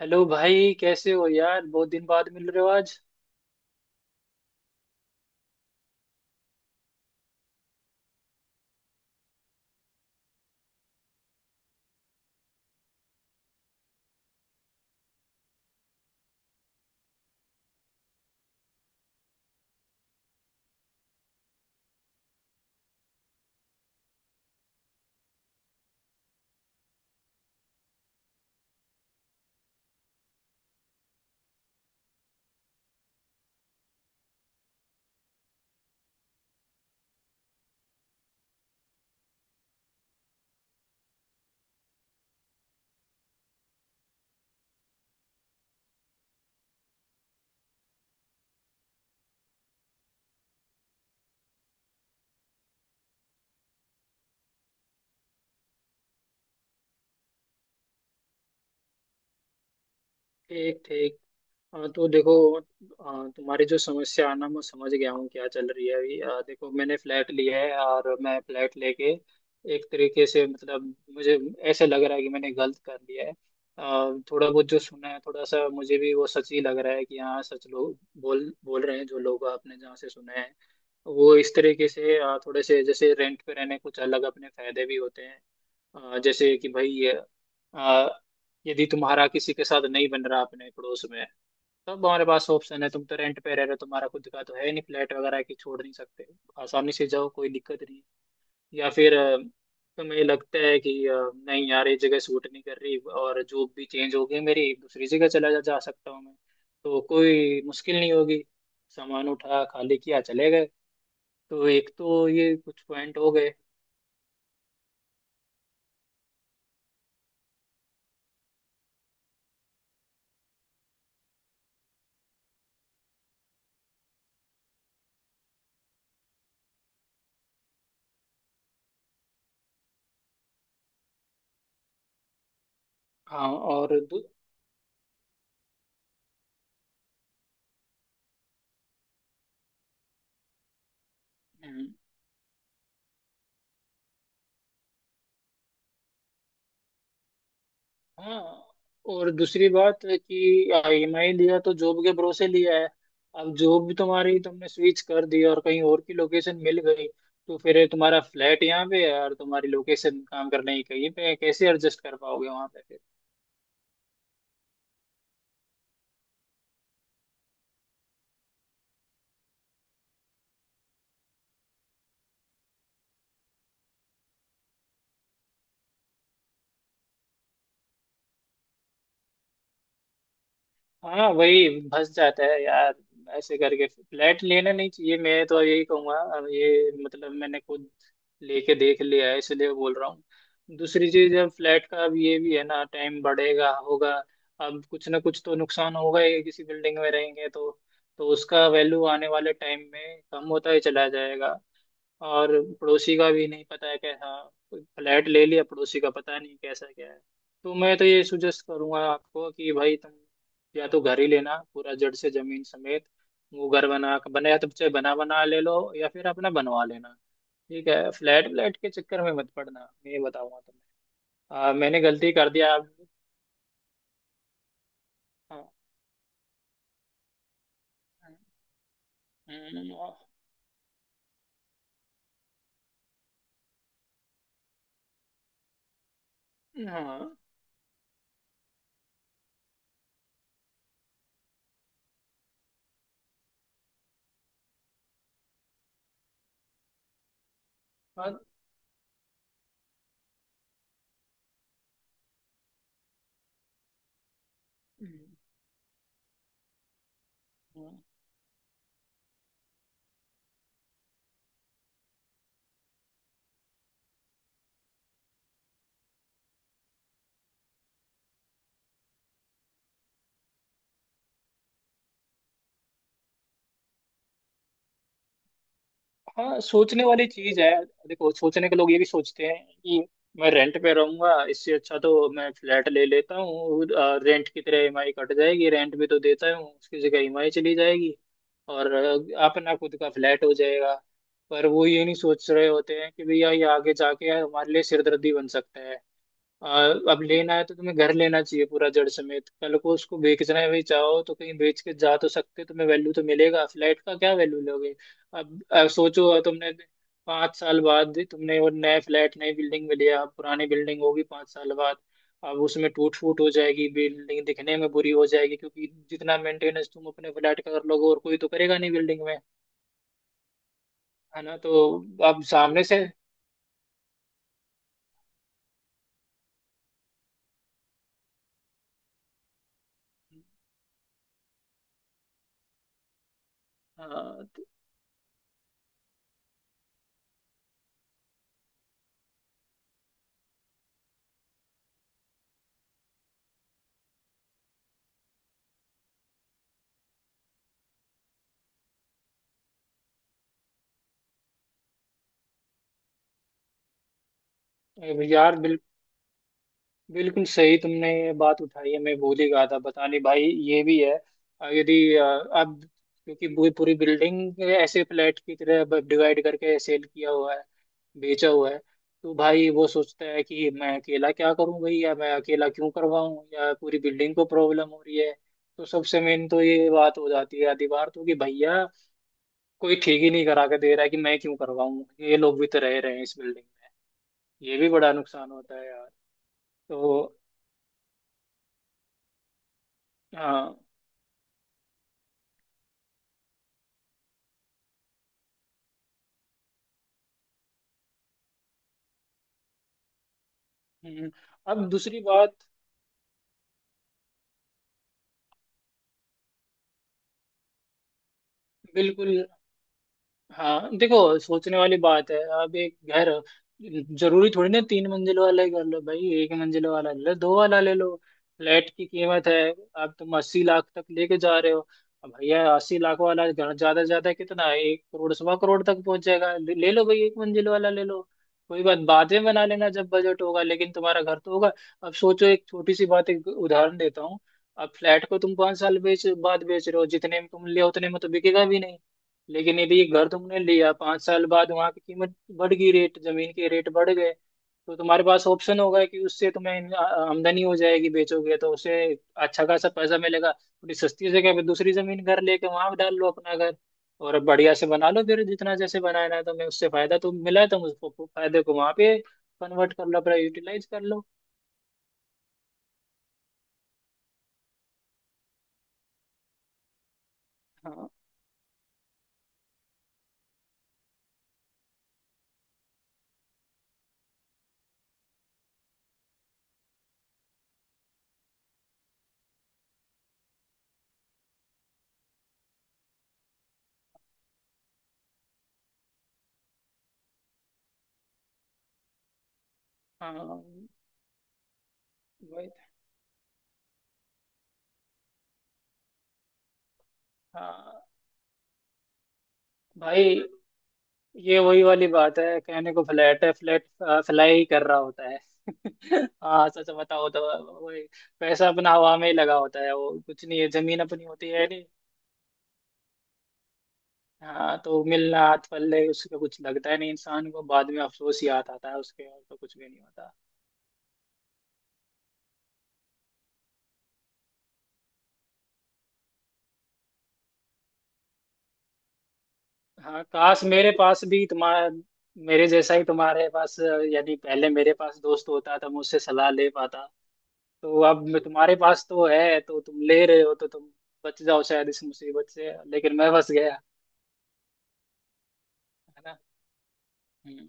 Hello भाई, कैसे हो यार? बहुत दिन बाद मिल रहे हो आज। ठीक ठीक। हाँ, तो देखो, तुम्हारी जो समस्या है ना, मैं समझ गया हूँ क्या चल रही है अभी। देखो, मैंने फ्लैट लिया है और मैं फ्लैट लेके एक तरीके से, मतलब मुझे ऐसे लग रहा है कि मैंने गलत कर लिया है। थोड़ा बहुत जो सुना है, थोड़ा सा मुझे भी वो सच ही लग रहा है कि हाँ, सच लोग बोल बोल रहे हैं। जो लोग आपने जहाँ से सुना है, वो इस तरीके से थोड़े से जैसे रेंट पे रहने कुछ अलग अपने फायदे भी होते हैं। जैसे कि भाई, अ, यदि तुम्हारा किसी के साथ नहीं बन रहा अपने पड़ोस में, तब हमारे पास ऑप्शन है। तुम तो रेंट पे रह रहे हो, तुम्हारा खुद का तो है नहीं, फ्लैट वगैरह की छोड़ नहीं सकते। आसानी से जाओ, कोई दिक्कत नहीं। या फिर तुम्हें लगता है कि नहीं यार, ये जगह सूट नहीं कर रही और जॉब भी चेंज हो गई मेरी, दूसरी जगह चला जा सकता हूँ मैं, तो कोई मुश्किल नहीं होगी। सामान उठा, खाली किया, चले गए। तो एक तो ये कुछ पॉइंट हो गए। हाँ और दू- हम्म, हाँ और दूसरी बात है कि ईएमआई लिया तो जॉब के भरोसे लिया है। अब जॉब भी तुम्हारी तुमने स्विच कर दी और कहीं और की लोकेशन मिल गई, तो फिर तुम्हारा फ्लैट यहाँ पे है और तुम्हारी लोकेशन काम करने की कहीं पे है। कैसे एडजस्ट कर पाओगे वहां पे? हाँ, वही फंस जाता है यार। ऐसे करके फ्लैट लेना नहीं चाहिए, मैं तो यही कहूंगा। अब ये, मतलब मैंने खुद लेके देख लिया है, इसलिए बोल रहा हूँ। दूसरी चीज, अब फ्लैट का, अब ये भी है ना, टाइम बढ़ेगा होगा, अब कुछ ना कुछ तो नुकसान होगा ही किसी बिल्डिंग में रहेंगे तो। तो उसका वैल्यू आने वाले टाइम में कम होता ही चला जाएगा। और पड़ोसी का भी नहीं पता है कैसा, फ्लैट ले लिया, पड़ोसी का पता नहीं कैसा क्या है। तो मैं तो ये सुजेस्ट करूंगा आपको कि भाई, तुम या तो घर ही लेना पूरा जड़ से जमीन समेत। वो घर बना बना, या तो चाहे बना बना ले लो, या फिर अपना बनवा लेना। ठीक है, फ्लैट व्लैट के चक्कर में मत पड़ना। मैं ये बताऊंगा तुम्हें। मैंने गलती कर दिया आप। हाँ हाँ हाँ हाँ। हाँ, सोचने वाली चीज है। देखो, सोचने के लोग ये भी सोचते हैं कि मैं रेंट पे रहूंगा, इससे अच्छा तो मैं फ्लैट ले लेता हूँ। रेंट की तरह ईएमआई कट जाएगी, रेंट भी तो देता हूँ, उसकी जगह ईएमआई चली जाएगी, और अपना खुद का फ्लैट हो जाएगा। पर वो ये नहीं सोच रहे होते हैं कि भैया, ये आगे जाके हमारे लिए सिरदर्दी बन सकता है। आ, अब लेना है तो तुम्हें घर लेना चाहिए पूरा जड़ समेत। कल को उसको बेचना भी चाहो तो कहीं बेच के जा तो सकते हो, तुम्हें वैल्यू तो मिलेगा। फ्लैट का क्या वैल्यू लोगे? अब सोचो, तुमने 5 साल बाद तुमने वो नया फ्लैट नई बिल्डिंग में लिया, अब पुरानी बिल्डिंग होगी 5 साल बाद। अब उसमें टूट फूट हो जाएगी, बिल्डिंग दिखने में बुरी हो जाएगी, क्योंकि जितना मेंटेनेंस तुम अपने फ्लैट का कर लोगे, और कोई तो करेगा नहीं बिल्डिंग में। है ना? तो अब सामने से, हाँ, तो यार बिल्कुल सही तुमने ये बात उठाई है, मैं भूल ही गया था बताने भाई, ये भी है। अ, यदि अ, अब क्योंकि पूरी पूरी बिल्डिंग ऐसे फ्लैट की तरह डिवाइड करके सेल किया हुआ है, बेचा हुआ है। तो भाई वो सोचता है कि मैं अकेला क्या करूं भाई, या मैं अकेला क्यों करवाऊं, या पूरी बिल्डिंग को प्रॉब्लम हो रही है। तो सबसे मेन तो ये बात हो जाती है आधी बार तो, कि भैया, कोई ठीक ही नहीं करा के दे रहा है, कि मैं क्यों करवाऊं, ये लोग भी तो रह रहे हैं इस बिल्डिंग में। ये भी बड़ा नुकसान होता है यार। तो हाँ। हम्म, अब दूसरी बात, बिल्कुल। हाँ, देखो, सोचने वाली बात है। अब एक घर, जरूरी थोड़ी ना 3 मंजिल वाला ही घर लो भाई, एक मंजिल वाला ले लो, दो वाला ले लो। फ्लैट की कीमत है, अब तुम 80 लाख तक लेके जा रहे हो। अब भैया, 80 लाख वाला घर ज्यादा से ज्यादा कितना है? एक करोड़, सवा करोड़ तक पहुंच जाएगा। ले ले लो भाई, एक मंजिल वाला ले लो। कोई बात, बाद में बना लेना जब बजट होगा, लेकिन तुम्हारा घर तो होगा। अब सोचो, एक छोटी सी बात, एक उदाहरण देता हूँ। अब फ्लैट को तुम 5 साल बेच बाद बेच रहे हो, जितने में तुम लिया उतने में तो बिकेगा भी नहीं। लेकिन यदि ये घर तुमने लिया 5 साल बाद, वहां की कीमत बढ़ गई, रेट, जमीन के रेट बढ़ गए, तो तुम्हारे पास ऑप्शन होगा कि उससे तुम्हें आमदनी हो जाएगी। बेचोगे तो उसे अच्छा खासा पैसा मिलेगा, थोड़ी सस्ती जगह पे दूसरी जमीन घर लेके वहां डाल लो अपना घर, और बढ़िया से बना लो फिर जितना जैसे बनाना है तुम्हें। उससे फायदा तो मिला है, तुम उसको, फायदे को वहां पे कन्वर्ट कर लो अपना, यूटिलाइज कर लो। हाँ, हाँ वही तो। हाँ भाई, ये वही वाली बात है, कहने को फ्लैट है, फ्लैट फ्लाई ही कर रहा होता है। हाँ, सच बताओ तो। वही, पैसा अपना हवा में ही लगा होता है, वो कुछ नहीं है, जमीन अपनी होती है नहीं। हाँ, तो मिलना हाथ पल्ले उसका कुछ लगता है नहीं इंसान को, बाद में अफसोस ही याद आता है उसके, और तो कुछ भी नहीं होता। हाँ काश मेरे पास भी तुम्हारा, मेरे जैसा ही तुम्हारे पास, यदि पहले मेरे पास दोस्त होता तो मुझसे सलाह ले पाता। तो अब मैं तुम्हारे पास तो है, तो तुम ले रहे हो, तो तुम बच जाओ शायद इस मुसीबत से, लेकिन मैं बच गया। है ना? हम्म।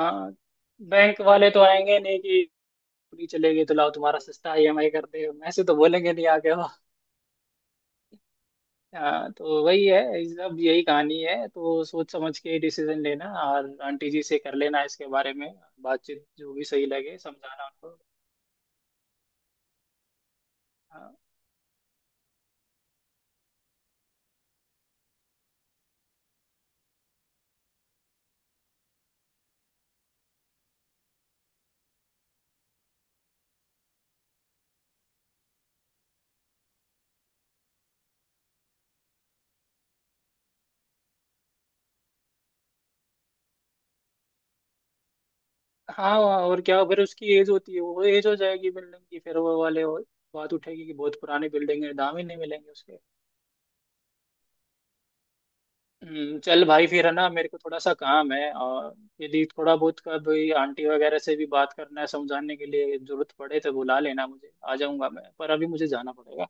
हाँ, बैंक वाले तो आएंगे नहीं कि पूरी चले गए तो लाओ, तुम्हारा सस्ता ईएमआई कर दे, ऐसे तो बोलेंगे नहीं आगे। हाँ, तो वही है सब, यही कहानी है। तो सोच समझ के डिसीजन लेना, और आंटी जी से कर लेना इसके बारे में बातचीत, जो भी सही लगे समझाना उनको। हाँ हाँ हाँ, और क्या, फिर उसकी एज होती है, वो एज हो जाएगी बिल्डिंग की, फिर वो वाले हो, बात उठेगी कि बहुत पुरानी बिल्डिंग है, दाम ही नहीं मिलेंगे उसके। चल भाई, फिर है ना, मेरे को थोड़ा सा काम है। और यदि थोड़ा बहुत कभी आंटी वगैरह से भी बात करना है समझाने के लिए जरूरत पड़े, तो बुला लेना मुझे, आ जाऊंगा मैं, पर अभी मुझे जाना पड़ेगा।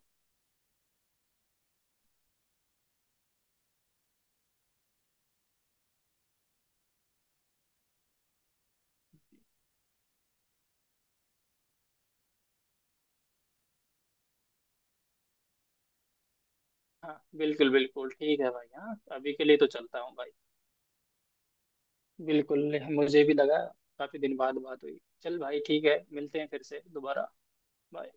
हाँ, बिल्कुल बिल्कुल ठीक है भाई। हाँ, अभी के लिए तो चलता हूँ भाई। बिल्कुल, मुझे भी लगा, काफी दिन बाद बात हुई। चल भाई, ठीक है, मिलते हैं फिर से दोबारा। बाय।